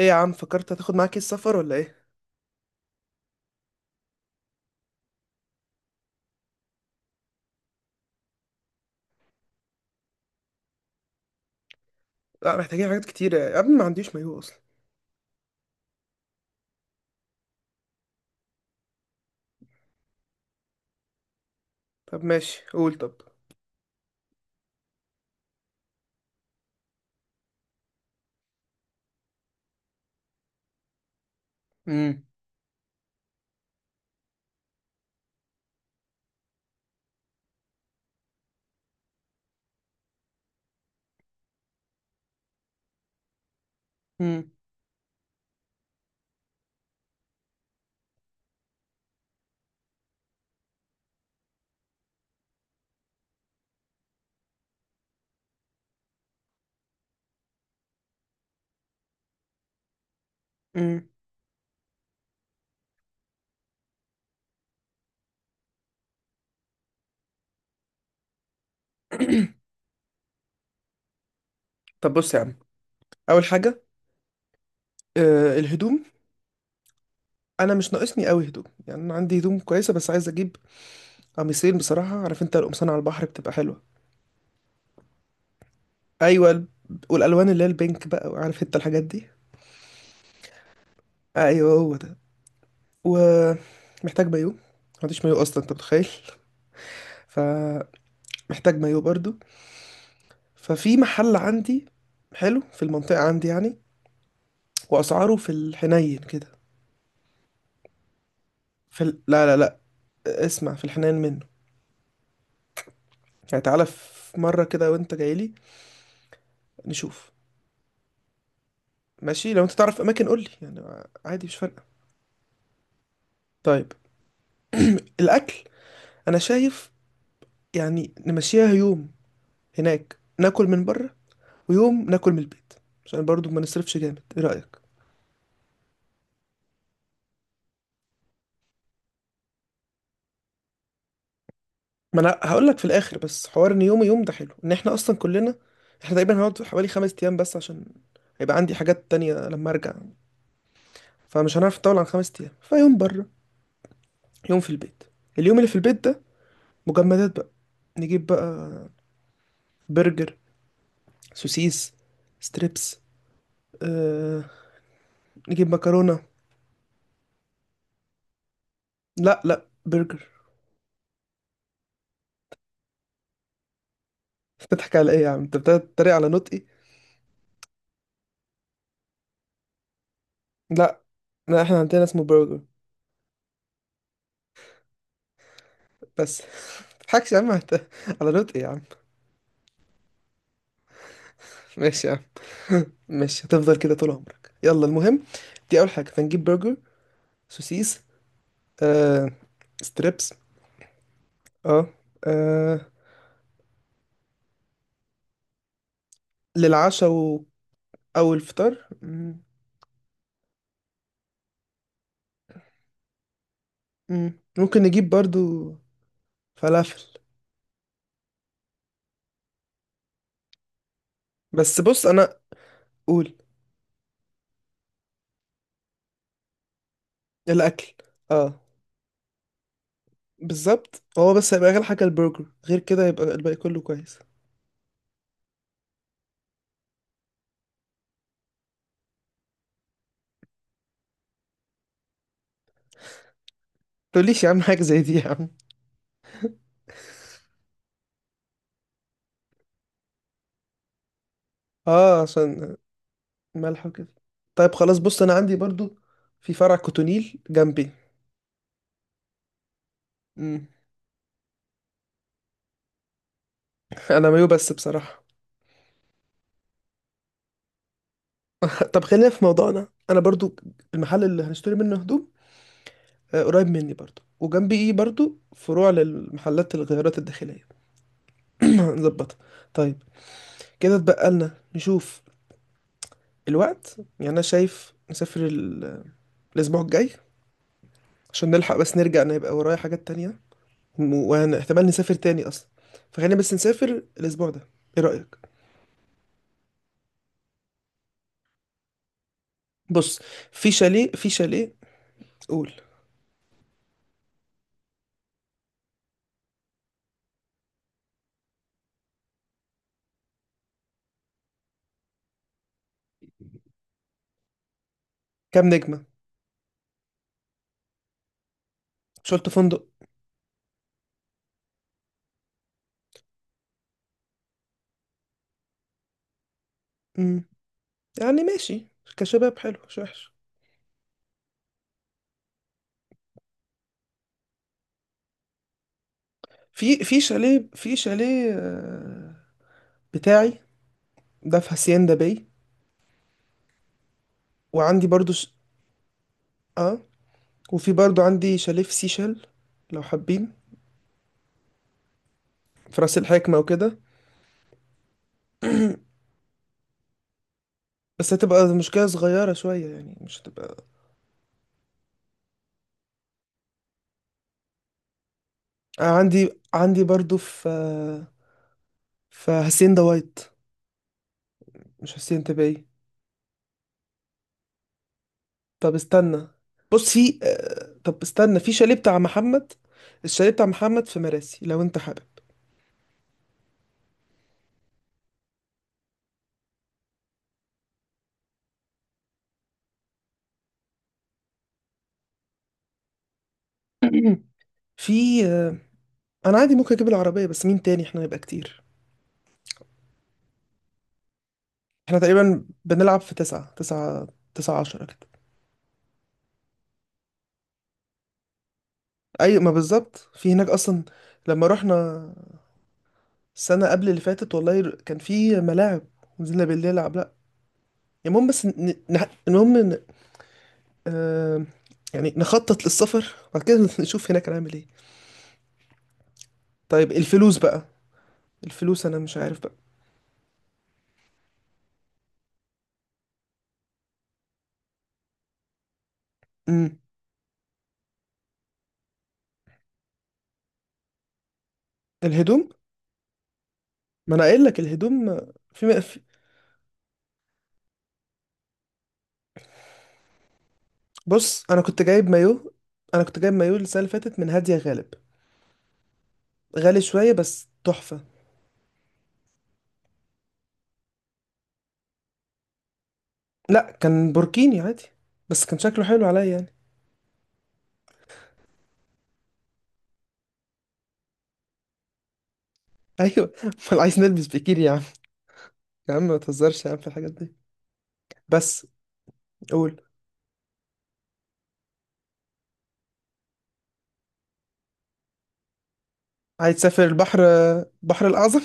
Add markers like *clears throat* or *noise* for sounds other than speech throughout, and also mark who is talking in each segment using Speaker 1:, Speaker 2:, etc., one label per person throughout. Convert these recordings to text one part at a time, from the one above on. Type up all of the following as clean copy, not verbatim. Speaker 1: ايه يا عم، فكرت هتاخد معاك ايه السفر ولا ايه؟ لا، محتاجين حاجات كتير يا ابني. ما عنديش مايو اصلا. طب ماشي، قول. طب امم، امم، امم. *clears throat* طب بص يا عم. اول حاجه، الهدوم. انا مش ناقصني قوي هدوم، يعني انا عندي هدوم كويسه، بس عايز اجيب قميصين بصراحه. عارف انت القمصان على البحر بتبقى حلوه. ايوه، والالوان اللي هي البينك، بقى عارف انت الحاجات دي. ايوه، هو ده. ومحتاج مايو. ما عنديش مايو اصلا، انت متخيل؟ *laughs* فمحتاج مايو برضو. ففي محل عندي حلو في المنطقة عندي يعني، واسعاره في الحنين كده. في لا، لا، لا. اسمع، في الحنين منه. يعني تعالى في مره كده وانت جاي لي نشوف. ماشي، لو انت تعرف اماكن قول لي، يعني عادي، مش فارقه. طيب. *clears throat* الاكل. انا شايف يعني نمشيها يوم هناك ناكل من بره، ويوم ناكل من البيت، عشان برضو ما نصرفش جامد. ايه رايك؟ ما انا هقول لك في الاخر، بس حوار ان يوم يوم ده حلو، ان احنا اصلا كلنا. احنا تقريبا هنقعد حوالي 5 ايام بس، عشان هيبقى عندي حاجات تانية لما ارجع. فمش هنعرف نطول عن 5 ايام. فيوم بره، يوم في البيت. اليوم اللي في البيت ده مجمدات بقى. نجيب بقى برجر، سوسيس، ستريبس، آه، نجيب مكرونة. لا، لا، برجر. *laughs* بتضحك على ايه يا عم؟ انت بتتريق على نطقي. لا، لا، احنا عندنا اسمه برجر. بس *laughs* متضحكش يا عم، *laughs* انت، على نطقي يا عم. ماشي يا عم. *laughs* ماشي، هتفضل كده طول عمرك. يلا المهم، دي اول حاجة، فنجيب برجر، سوسيس، آه، ستريبس. اه، آه، للعشاء او الفطار. مم، ممكن نجيب برضو فلافل. بس بص، انا. قول. الاكل، اه، بالظبط. هو بس هيبقى اغلى حاجه البرجر، غير كده يبقى الباقي كله كويس. تقوليش يا عم حاجه زي دي يا عم. اه، عشان ملح وكده. طيب، خلاص، بص انا عندي برضو في فرع كوتونيل جنبي. مم. *laughs* انا مايو بس بصراحه. طب خلينا في موضوعنا. انا برضو، المحل اللي هنشتري منه هدوم قريب مني برضو، وجنبي ايه برضو فروع للمحلات الغيارات الداخليه. *clears throat* نظبطها. طيب، كده اتبقى لنا نشوف الوقت. يعني انا شايف نسافر الاسبوع الجاي، عشان نلحق. بس نرجع، انا يبقى ورايا حاجات تانية، وانا احتمال نسافر تاني اصلا. فخلينا بس نسافر الاسبوع ده. ايه رأيك؟ بص، في شاليه، قول. كام نجمة؟ مش قلت فندق؟ امم، يعني ماشي، كشباب حلو، مش وحش. في شاليه، بتاعي. ده في هاسيندا باي. وعندي برضو اه، وفي برضو عندي شاليه في سيشل لو حابين، في راس الحكمة وكده. *clears throat* بس هتبقى مشكلة صغيرة شوية، يعني مش هتبقى. عندي برضو في حسين دوايت، مش حسين تبعي. طب استنى. بص في، طب استنى، في شاليه بتاع محمد. الشاليه بتاع محمد في مراسي لو انت حابب. *clears throat* في، آه، انا عادي ممكن اجيب العربية، بس مين تاني؟ احنا نبقى كتير. احنا تقريبا بنلعب في تسعة، تسعة عشرة كده. اي ما بالظبط في هناك اصلا، لما رحنا السنة قبل اللي فاتت. والله كان في ملاعب، نزلنا بالليل نلعب. لأ المهم، بس المهم آه... يعني نخطط للسفر، وبعد كده *laughs* نشوف هناك هنعمل ايه. طيب، الفلوس بقى. الفلوس أنا مش عارف بقى. امم، الهدوم. ما أنا قايل لك الهدوم في، في. بص، أنا كنت جايب مايو. أنا كنت جايب مايو السنة اللي فاتت من هادية غالب. غالي شوية بس تحفة. لأ، كان بوركيني عادي، بس كان شكله حلو عليا يعني. أيوة. *laughs* أمال عايز نلبس بيكيني يا عم؟ يا عم ما تهزرش يا عم في الحاجات دي. بس قول. عايز تسافر البحر، البحر الأعظم؟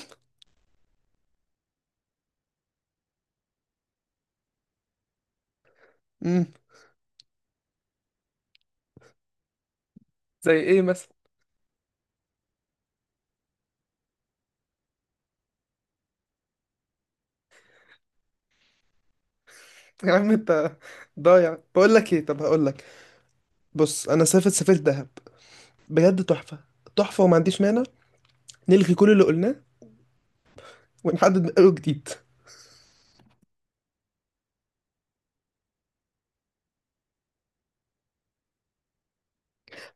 Speaker 1: امم، زي ايه مثلا؟ *laughs* يا عم انت ضايع. بقول لك ايه، طب هقول لك. بص، انا سافرت دهب، بجد تحفة. تحفة، وما عنديش مانع نلغي كل اللي قلناه ونحدد من اول جديد.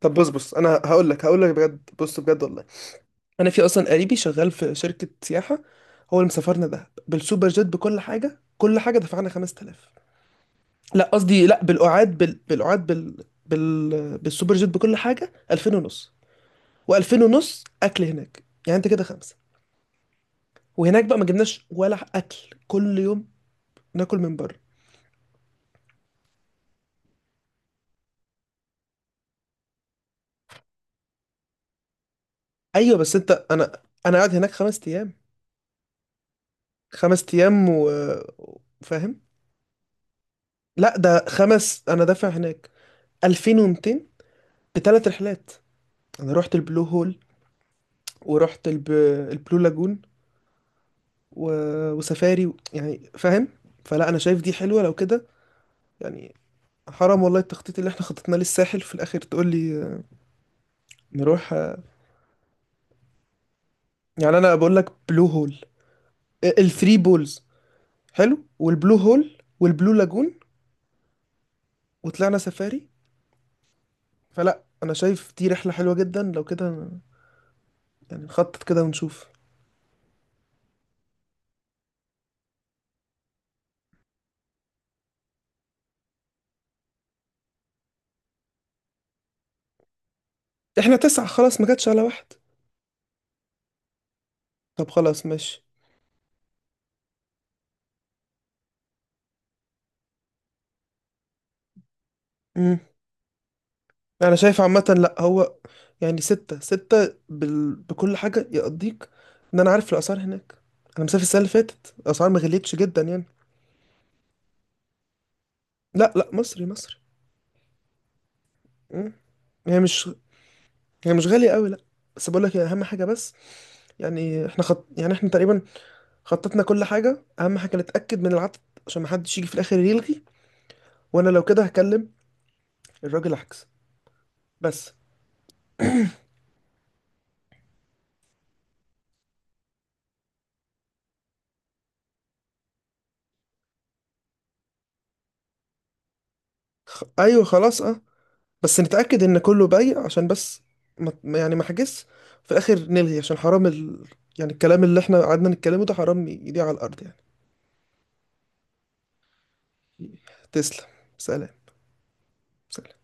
Speaker 1: طب بص انا هقول لك بجد. بص بجد والله، انا في اصلا قريبي شغال في شركة سياحة. هو اللي مسافرنا دهب بالسوبر جيت بكل حاجة. كل حاجة دفعنا 5000. لا، قصدي لا، بالقعاد بالسوبر جيت بكل حاجة 2000 ونص، و2000 ونص اكل هناك. يعني انت كده 5. وهناك بقى ما جبناش ولا اكل كل يوم، ناكل من بره. ايوه بس انت، انا قاعد هناك 5 ايام، 5 ايام و... فاهم؟ لا، ده 5. انا دافع هناك 2200 ب3 رحلات. انا رحت البلو هول، ورحت البلو لاجون، و... وسفاري يعني فاهم. فلا انا شايف دي حلوه لو كده، يعني. حرام والله، التخطيط اللي احنا خططناه للساحل في الاخر تقول لي نروح؟ يعني انا بقول لك بلو هول، الثري بولز حلو، والبلو هول والبلو لاجون، وطلعنا سفاري. فلا انا شايف دي رحله حلوه جدا لو كده، يعني نخطط كده ونشوف. احنا تسعه، خلاص ما جاتش على واحد. طب خلاص ماشي. امم، انا شايف عامه. لا، هو يعني 6 6 بكل حاجة يقضيك، ان انا عارف الاسعار هناك. انا مسافر السنة اللي فاتت، الاسعار ما غليتش جدا يعني. لا، لا، مصري مصري. مم. هي مش هي مش غالية قوي، لا. بس بقول لك اهم حاجة بس، يعني احنا يعني احنا تقريبا خططنا كل حاجة. أهم حاجة نتأكد من العدد، عشان محدش يجي في الآخر يلغي. وأنا لو كده هكلم الراجل عكس. بس أيوه خلاص، أه. بس نتأكد إن كله بايع، عشان بس يعني ما حجز في الآخر نلغي، عشان حرام يعني الكلام اللي إحنا قعدنا نتكلمه ده حرام يضيع على الأرض يعني. تسلم. سلام. سلام.